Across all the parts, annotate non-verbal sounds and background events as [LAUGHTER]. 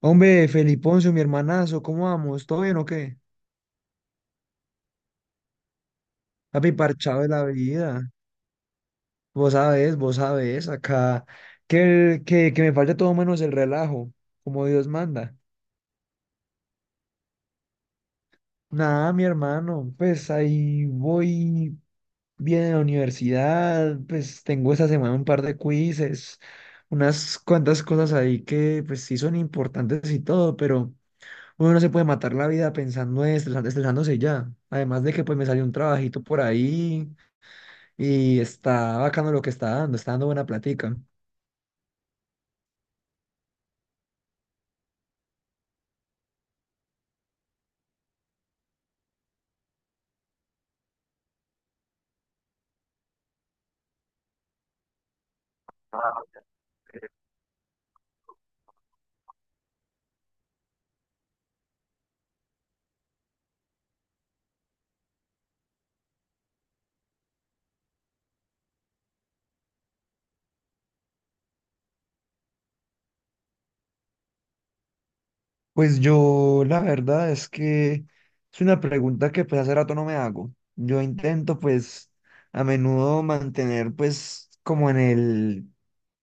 Hombre, Feliponcio, mi hermanazo, ¿cómo vamos? ¿Todo bien o qué? Papi, parchado de la vida. Vos sabés, acá que me falta todo menos el relajo, como Dios manda. Nada, mi hermano, pues ahí voy bien a la universidad, pues tengo esta semana un par de quizzes, unas cuantas cosas ahí que pues sí son importantes y todo, pero uno no se puede matar la vida pensando en estresándose ya. Además de que pues me salió un trabajito por ahí. Y está bacano lo que está dando buena platica. Pues yo, la verdad es que es una pregunta que pues hace rato no me hago. Yo intento pues a menudo mantener pues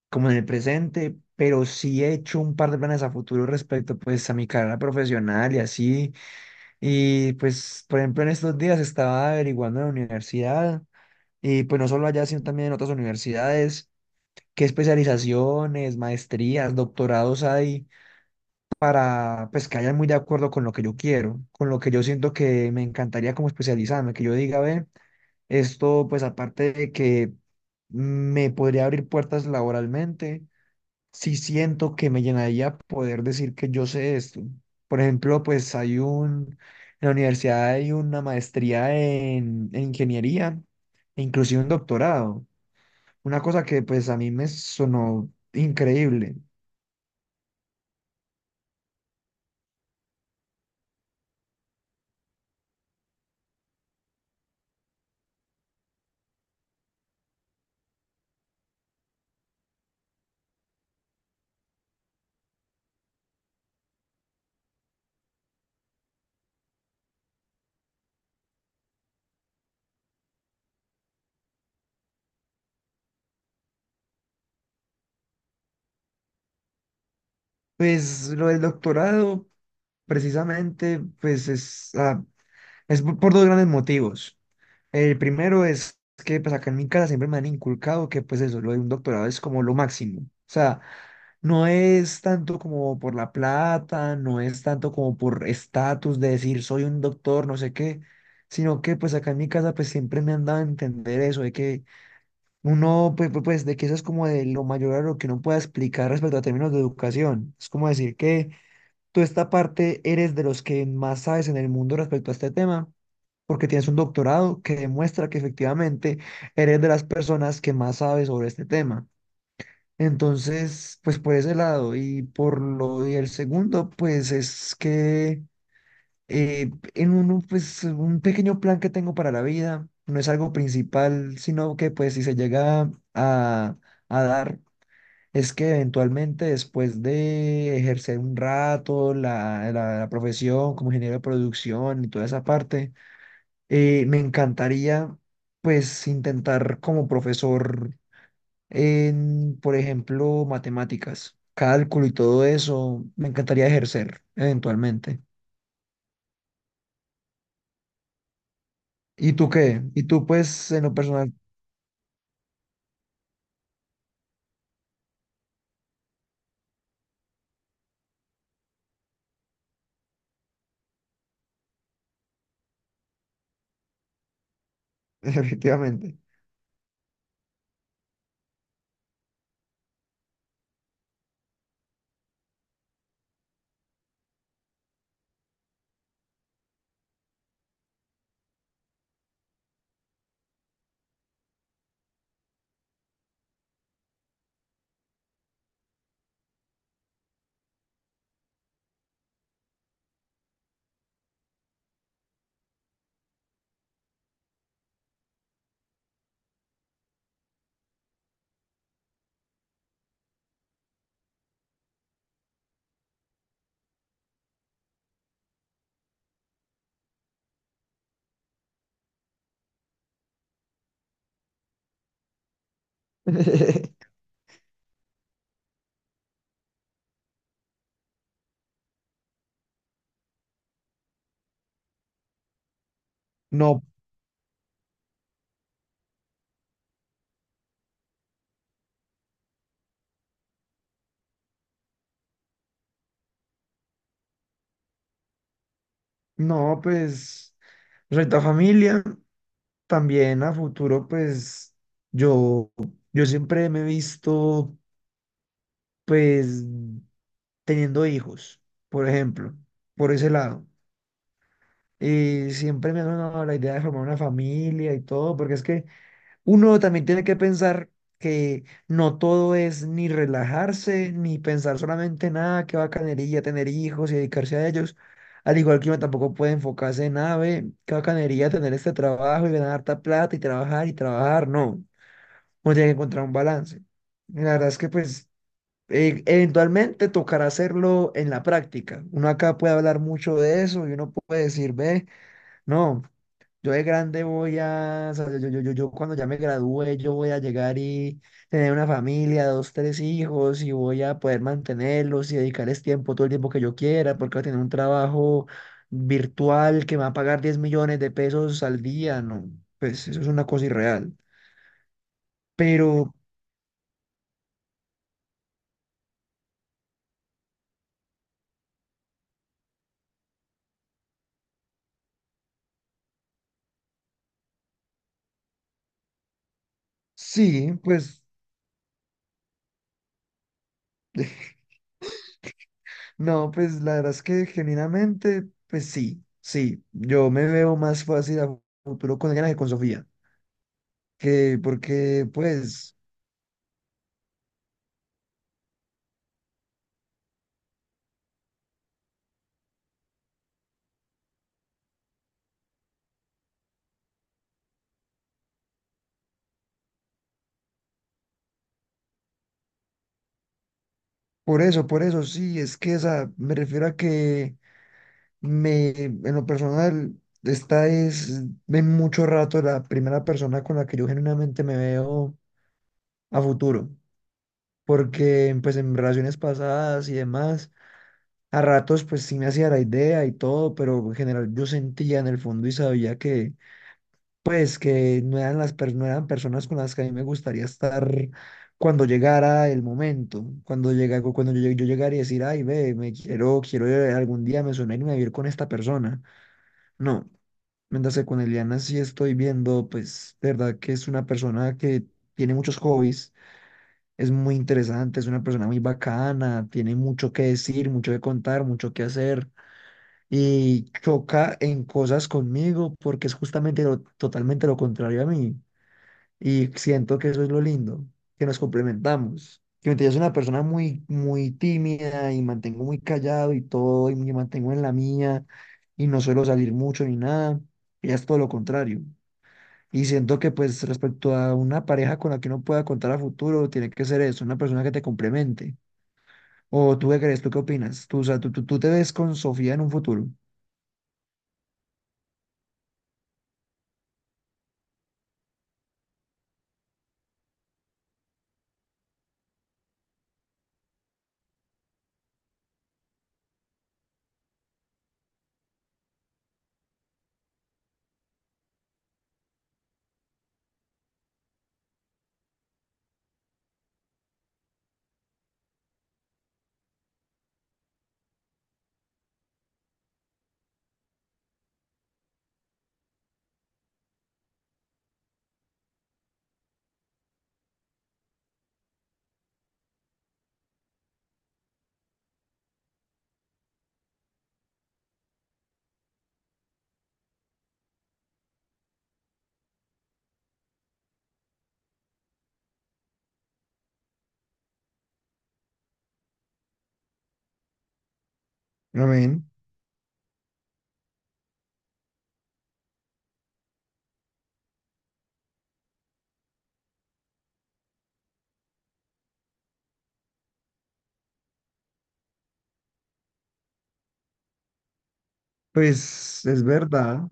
como en el presente, pero sí he hecho un par de planes a futuro respecto pues a mi carrera profesional y así. Y pues por ejemplo en estos días estaba averiguando en la universidad y pues no solo allá sino también en otras universidades. Qué especializaciones, maestrías, doctorados hay para pues que vayan muy de acuerdo con lo que yo quiero, con lo que yo siento que me encantaría como especializarme, que yo diga, ve, esto pues aparte de que me podría abrir puertas laboralmente, sí siento que me llenaría poder decir que yo sé esto. Por ejemplo, pues hay un, en la universidad hay una maestría en ingeniería, e inclusive un doctorado. Una cosa que pues a mí me sonó increíble. Pues lo del doctorado, precisamente, pues es, es por dos grandes motivos. El primero es que pues acá en mi casa siempre me han inculcado que pues eso, lo de un doctorado es como lo máximo. O sea, no es tanto como por la plata, no es tanto como por estatus de decir soy un doctor, no sé qué, sino que pues acá en mi casa pues siempre me han dado a entender eso de que uno, pues, de que eso es como de lo mayor a lo que uno pueda explicar respecto a términos de educación. Es como decir que tú esta parte eres de los que más sabes en el mundo respecto a este tema, porque tienes un doctorado que demuestra que efectivamente eres de las personas que más sabes sobre este tema. Entonces, pues por ese lado. Y por lo, y el segundo, pues es que en un pues, un pequeño plan que tengo para la vida, no es algo principal, sino que, pues, si se llega a dar, es que eventualmente después de ejercer un rato la profesión como ingeniero de producción y toda esa parte, me encantaría, pues, intentar como profesor en, por ejemplo, matemáticas, cálculo y todo eso, me encantaría ejercer eventualmente. ¿Y tú qué? ¿Y tú pues en lo personal? Efectivamente. [LAUGHS] No, no, pues, Reta Familia, también a futuro, pues, yo, yo siempre me he visto, pues, teniendo hijos, por ejemplo, por ese lado. Y siempre me ha sonado la idea de formar una familia y todo, porque es que uno también tiene que pensar que no todo es ni relajarse, ni pensar solamente nada, qué bacanería tener hijos y dedicarse a ellos. Al igual que uno tampoco puede enfocarse en nada, ve, qué bacanería tener este trabajo y ganar harta plata y trabajar y trabajar. No, uno tiene que encontrar un balance. La verdad es que pues eventualmente tocará hacerlo en la práctica. Uno acá puede hablar mucho de eso y uno puede decir, ve, no. Yo de grande voy a, o sea, yo cuando ya me gradúe, yo voy a llegar y tener una familia, 2, 3 hijos, y voy a poder mantenerlos y dedicarles tiempo, todo el tiempo que yo quiera, porque voy a tener un trabajo virtual que me va a pagar 10 millones de pesos al día, no, pues eso es una cosa irreal. Pero sí, pues, [LAUGHS] no, pues la verdad es que genuinamente, pues sí, sí, yo me veo más fácil a futuro con ella que con Sofía, que porque pues... por eso, sí, es que esa, me refiero a que me, en lo personal, esta es de mucho rato la primera persona con la que yo genuinamente me veo a futuro, porque pues en relaciones pasadas y demás, a ratos pues sí me hacía la idea y todo, pero en general yo sentía en el fondo y sabía que pues que no eran no eran personas con las que a mí me gustaría estar cuando llegara el momento, cuando llega, cuando yo llegara y decir, ay, ve, quiero algún día me suena irme a vivir con esta persona. No, mientras que con Eliana sí estoy viendo, pues, de verdad que es una persona que tiene muchos hobbies, es muy interesante, es una persona muy bacana, tiene mucho que decir, mucho que contar, mucho que hacer. Y choca en cosas conmigo porque es justamente lo, totalmente lo contrario a mí. Y siento que eso es lo lindo, que nos complementamos. Que mientras yo soy una persona muy tímida y mantengo muy callado y todo, y me mantengo en la mía, y no suelo salir mucho ni nada, ella es todo lo contrario. Y siento que pues respecto a una pareja con la que uno pueda contar a futuro, tiene que ser eso, una persona que te complemente. ¿O tú qué crees? ¿Tú qué opinas? Tú, o sea, tú te ves con Sofía en un futuro. Amén. Pues es verdad,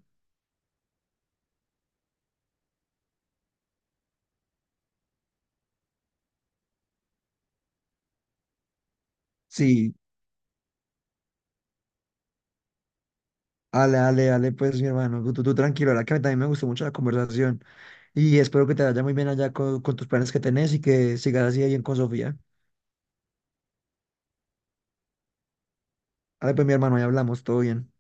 sí. Ale, ale, ale, pues mi hermano, tú tranquilo, la verdad que a mí también me gustó mucho la conversación y espero que te vaya muy bien allá con tus planes que tenés y que sigas así de bien con Sofía. Ale, pues mi hermano, ya hablamos, todo bien.